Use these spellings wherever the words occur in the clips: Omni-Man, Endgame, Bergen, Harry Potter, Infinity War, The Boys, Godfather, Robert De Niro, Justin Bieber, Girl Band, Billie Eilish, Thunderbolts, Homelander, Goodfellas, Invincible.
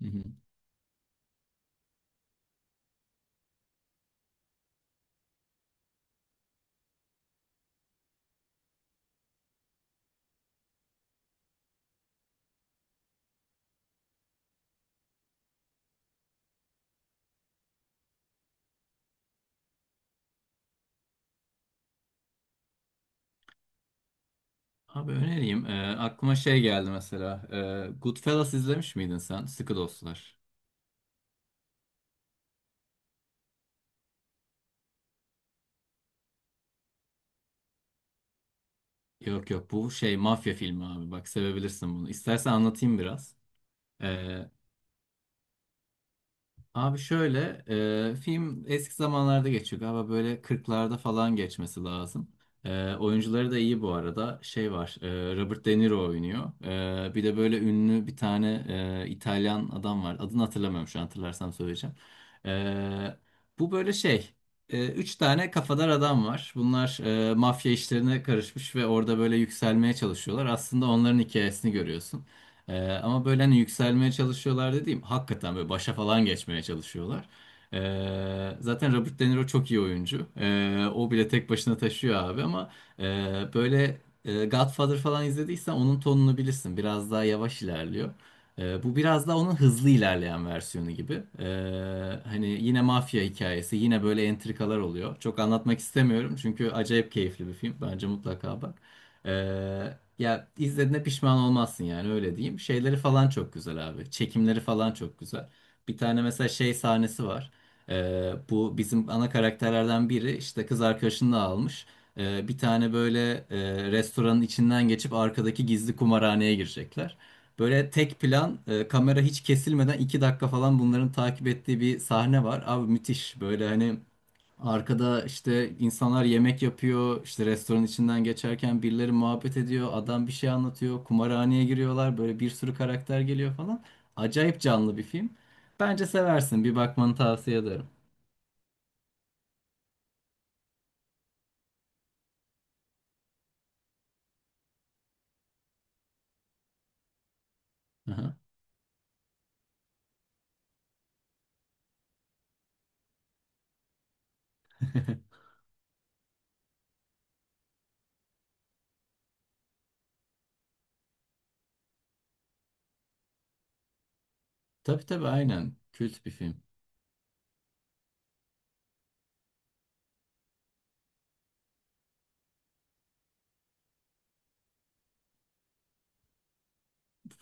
Hı hı. Abi önereyim. Aklıma şey geldi mesela. Goodfellas izlemiş miydin sen? Sıkı Dostlar. Yok yok, bu şey mafya filmi abi. Bak, sevebilirsin bunu. İstersen anlatayım biraz. Ee, Abi şöyle, film eski zamanlarda geçiyor galiba, böyle 40'larda falan geçmesi lazım. Oyuncuları da iyi bu arada. Şey var, Robert De Niro oynuyor. Bir de böyle ünlü bir tane İtalyan adam var. Adını hatırlamıyorum şu an, hatırlarsam söyleyeceğim. E, Bu böyle şey, üç tane kafadar adam var. Bunlar mafya işlerine karışmış ve orada böyle yükselmeye çalışıyorlar. Aslında onların hikayesini görüyorsun. Ama böyle hani yükselmeye çalışıyorlar dediğim, hakikaten böyle başa falan geçmeye çalışıyorlar. Zaten Robert De Niro çok iyi oyuncu. O bile tek başına taşıyor abi, ama e, böyle Godfather falan izlediysen onun tonunu bilirsin. Biraz daha yavaş ilerliyor. Bu biraz daha onun hızlı ilerleyen versiyonu gibi. Hani yine mafya hikayesi, yine böyle entrikalar oluyor. Çok anlatmak istemiyorum çünkü acayip keyifli bir film. Bence mutlaka bak. Ee, Ya, izlediğine pişman olmazsın, yani öyle diyeyim. Şeyleri falan çok güzel abi. Çekimleri falan çok güzel. Bir tane mesela şey sahnesi var. Bu bizim ana karakterlerden biri işte kız arkadaşını da almış. Bir tane böyle restoranın içinden geçip arkadaki gizli kumarhaneye girecekler. Böyle tek plan, kamera hiç kesilmeden 2 dakika falan bunların takip ettiği bir sahne var. Abi, müthiş böyle. Hani arkada işte insanlar yemek yapıyor, işte restoran içinden geçerken birileri muhabbet ediyor, adam bir şey anlatıyor, kumarhaneye giriyorlar, böyle bir sürü karakter geliyor falan. Acayip canlı bir film. Bence seversin, bir bakmanı tavsiye ederim. Aha. Tabii tabii, aynen, kült bir film.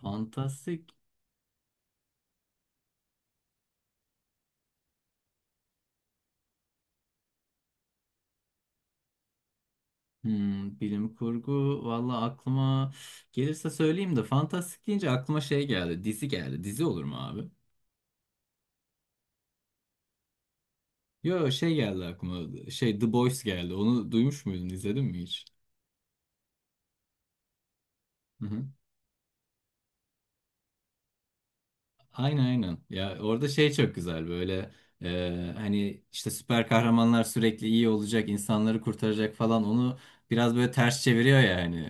Fantastik, hmm, bilim kurgu, valla aklıma gelirse söyleyeyim, de fantastik deyince aklıma şey geldi, dizi geldi. Dizi olur mu abi? Yo, şey geldi aklıma, şey The Boys geldi, onu duymuş muydun, izledin mi hiç? Hı hı. Aynen aynen. Ya orada şey çok güzel böyle. Hani işte süper kahramanlar sürekli iyi olacak, insanları kurtaracak falan, onu biraz böyle ters çeviriyor ya hani.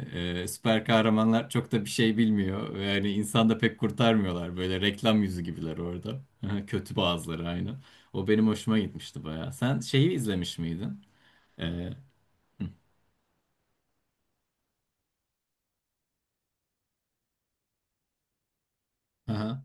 Süper kahramanlar çok da bir şey bilmiyor ve hani insan da pek kurtarmıyorlar, böyle reklam yüzü gibiler orada. Kötü bazıları, aynen. O benim hoşuma gitmişti baya. Sen şeyi izlemiş miydin? E, hı. Aha.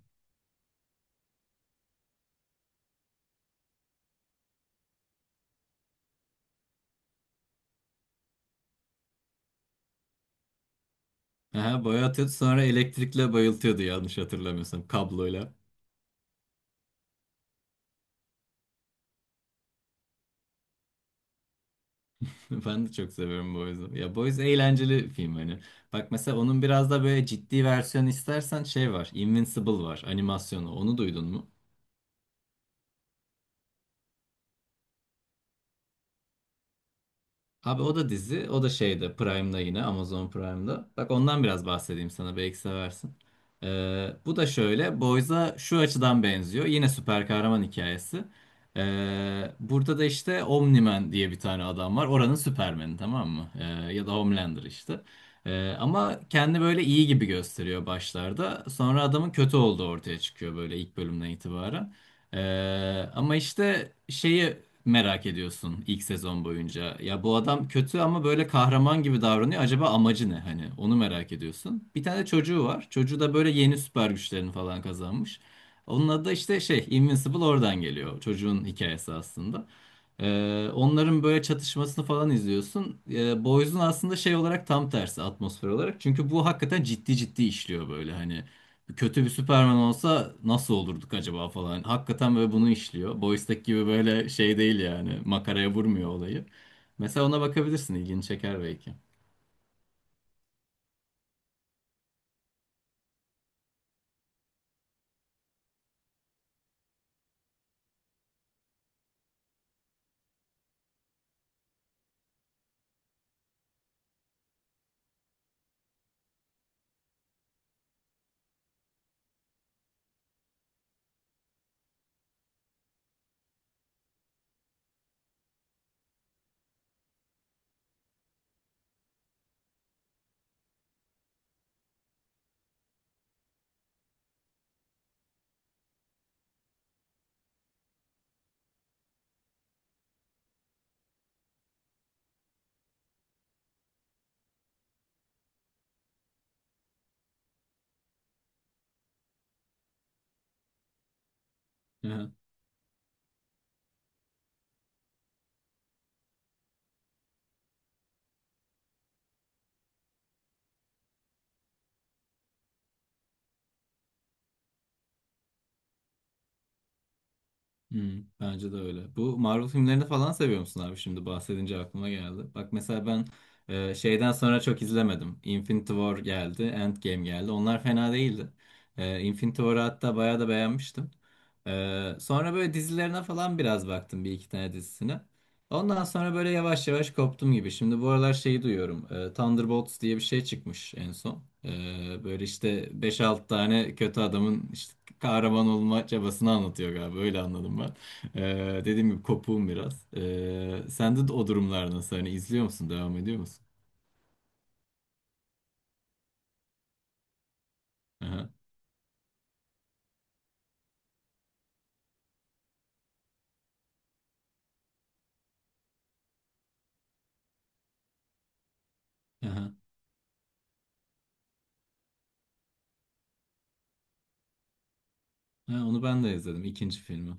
Aha, boya atıyordu, sonra elektrikle bayıltıyordu yanlış hatırlamıyorsam, kabloyla. Ben de çok seviyorum Boys'u. Ya, Boys eğlenceli film hani. Bak, mesela onun biraz da böyle ciddi versiyon istersen şey var. Invincible var, animasyonu. Onu duydun mu? Abi, o da dizi, o da şeyde Prime'da, yine Amazon Prime'da. Bak, ondan biraz bahsedeyim sana, belki seversin. Bu da şöyle Boys'a şu açıdan benziyor. Yine süper kahraman hikayesi. Burada da işte Omni-Man diye bir tane adam var. Oranın Superman'i, tamam mı? Ya da Homelander işte. Ama kendi böyle iyi gibi gösteriyor başlarda. Sonra adamın kötü olduğu ortaya çıkıyor, böyle ilk bölümden itibaren. Ama işte şeyi merak ediyorsun ilk sezon boyunca. Ya bu adam kötü ama böyle kahraman gibi davranıyor. Acaba amacı ne hani? Onu merak ediyorsun. Bir tane çocuğu var. Çocuğu da böyle yeni süper güçlerini falan kazanmış. Onun adı da işte şey Invincible, oradan geliyor. Çocuğun hikayesi aslında. Onların böyle çatışmasını falan izliyorsun. Boys'un aslında şey olarak tam tersi, atmosfer olarak. Çünkü bu hakikaten ciddi ciddi işliyor, böyle hani kötü bir Superman olsa nasıl olurduk acaba falan. Hakikaten böyle bunu işliyor. Boys'taki gibi böyle şey değil yani. Makaraya vurmuyor olayı. Mesela ona bakabilirsin. İlgini çeker belki. Hı hı. Bence de öyle. Bu Marvel filmlerini falan seviyor musun abi? Şimdi bahsedince aklıma geldi. Bak mesela ben şeyden sonra çok izlemedim. Infinity War geldi, Endgame geldi. Onlar fena değildi. Infinity War'ı hatta bayağı da beğenmiştim. Sonra böyle dizilerine falan biraz baktım, bir iki tane dizisine. Ondan sonra böyle yavaş yavaş koptum gibi. Şimdi bu aralar şeyi duyuyorum. Thunderbolts diye bir şey çıkmış en son. Böyle işte beş 6 tane kötü adamın işte kahraman olma çabasını anlatıyor galiba. Öyle anladım ben. Dediğim gibi kopuğum biraz. Sende de o durumlar nasıl? Hani izliyor musun? Devam ediyor musun? Aha, aha. Ha, onu ben de izledim. İkinci filmi.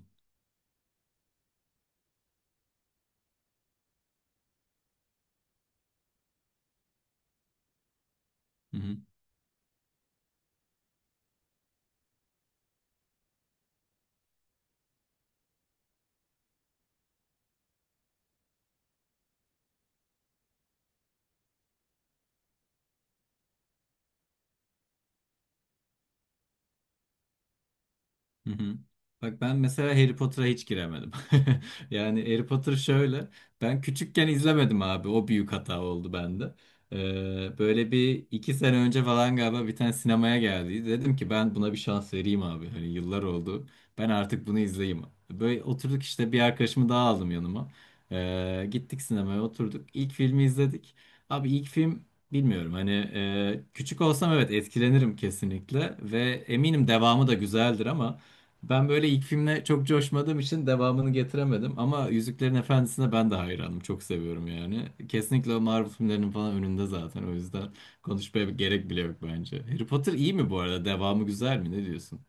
Hı hı. Bak ben mesela Harry Potter'a hiç giremedim. Yani Harry Potter şöyle. Ben küçükken izlemedim abi. O büyük hata oldu bende. Böyle bir iki sene önce falan galiba bir tane sinemaya geldi. Dedim ki ben buna bir şans vereyim abi. Hani yıllar oldu. Ben artık bunu izleyeyim. Böyle oturduk, işte bir arkadaşımı daha aldım yanıma. Gittik sinemaya, oturduk. İlk filmi izledik. Abi ilk film, bilmiyorum hani, küçük olsam evet etkilenirim kesinlikle ve eminim devamı da güzeldir, ama ben böyle ilk filmle çok coşmadığım için devamını getiremedim. Ama Yüzüklerin Efendisi'ne ben de hayranım. Çok seviyorum yani. Kesinlikle o Marvel filmlerinin falan önünde zaten. O yüzden konuşmaya gerek bile yok bence. Harry Potter iyi mi bu arada? Devamı güzel mi? Ne diyorsun?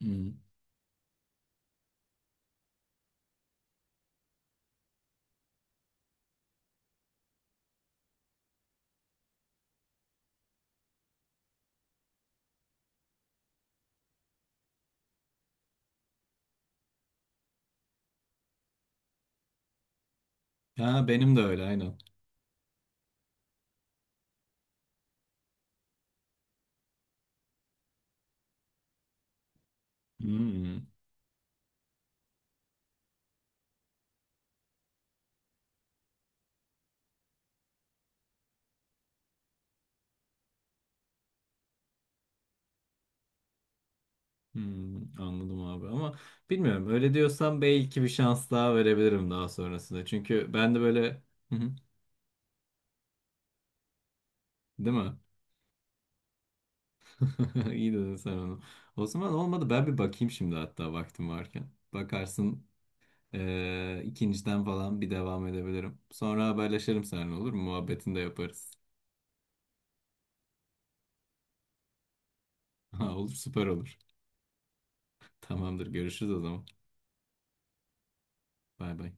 Hmm. Ha, benim de öyle, aynen. Hmm. Hmm. Anladım abi ama bilmiyorum. Öyle diyorsan belki bir şans daha verebilirim daha sonrasında. Çünkü ben de böyle... Hı hı. Değil mi? İyi dedin sen onu. O zaman olmadı, ben bir bakayım şimdi hatta vaktim varken. Bakarsın ikinciden falan bir devam edebilirim. Sonra haberleşelim seninle, olur mu? Muhabbetini de yaparız. Ha, olur, süper olur. Tamamdır, görüşürüz o zaman. Bay bay.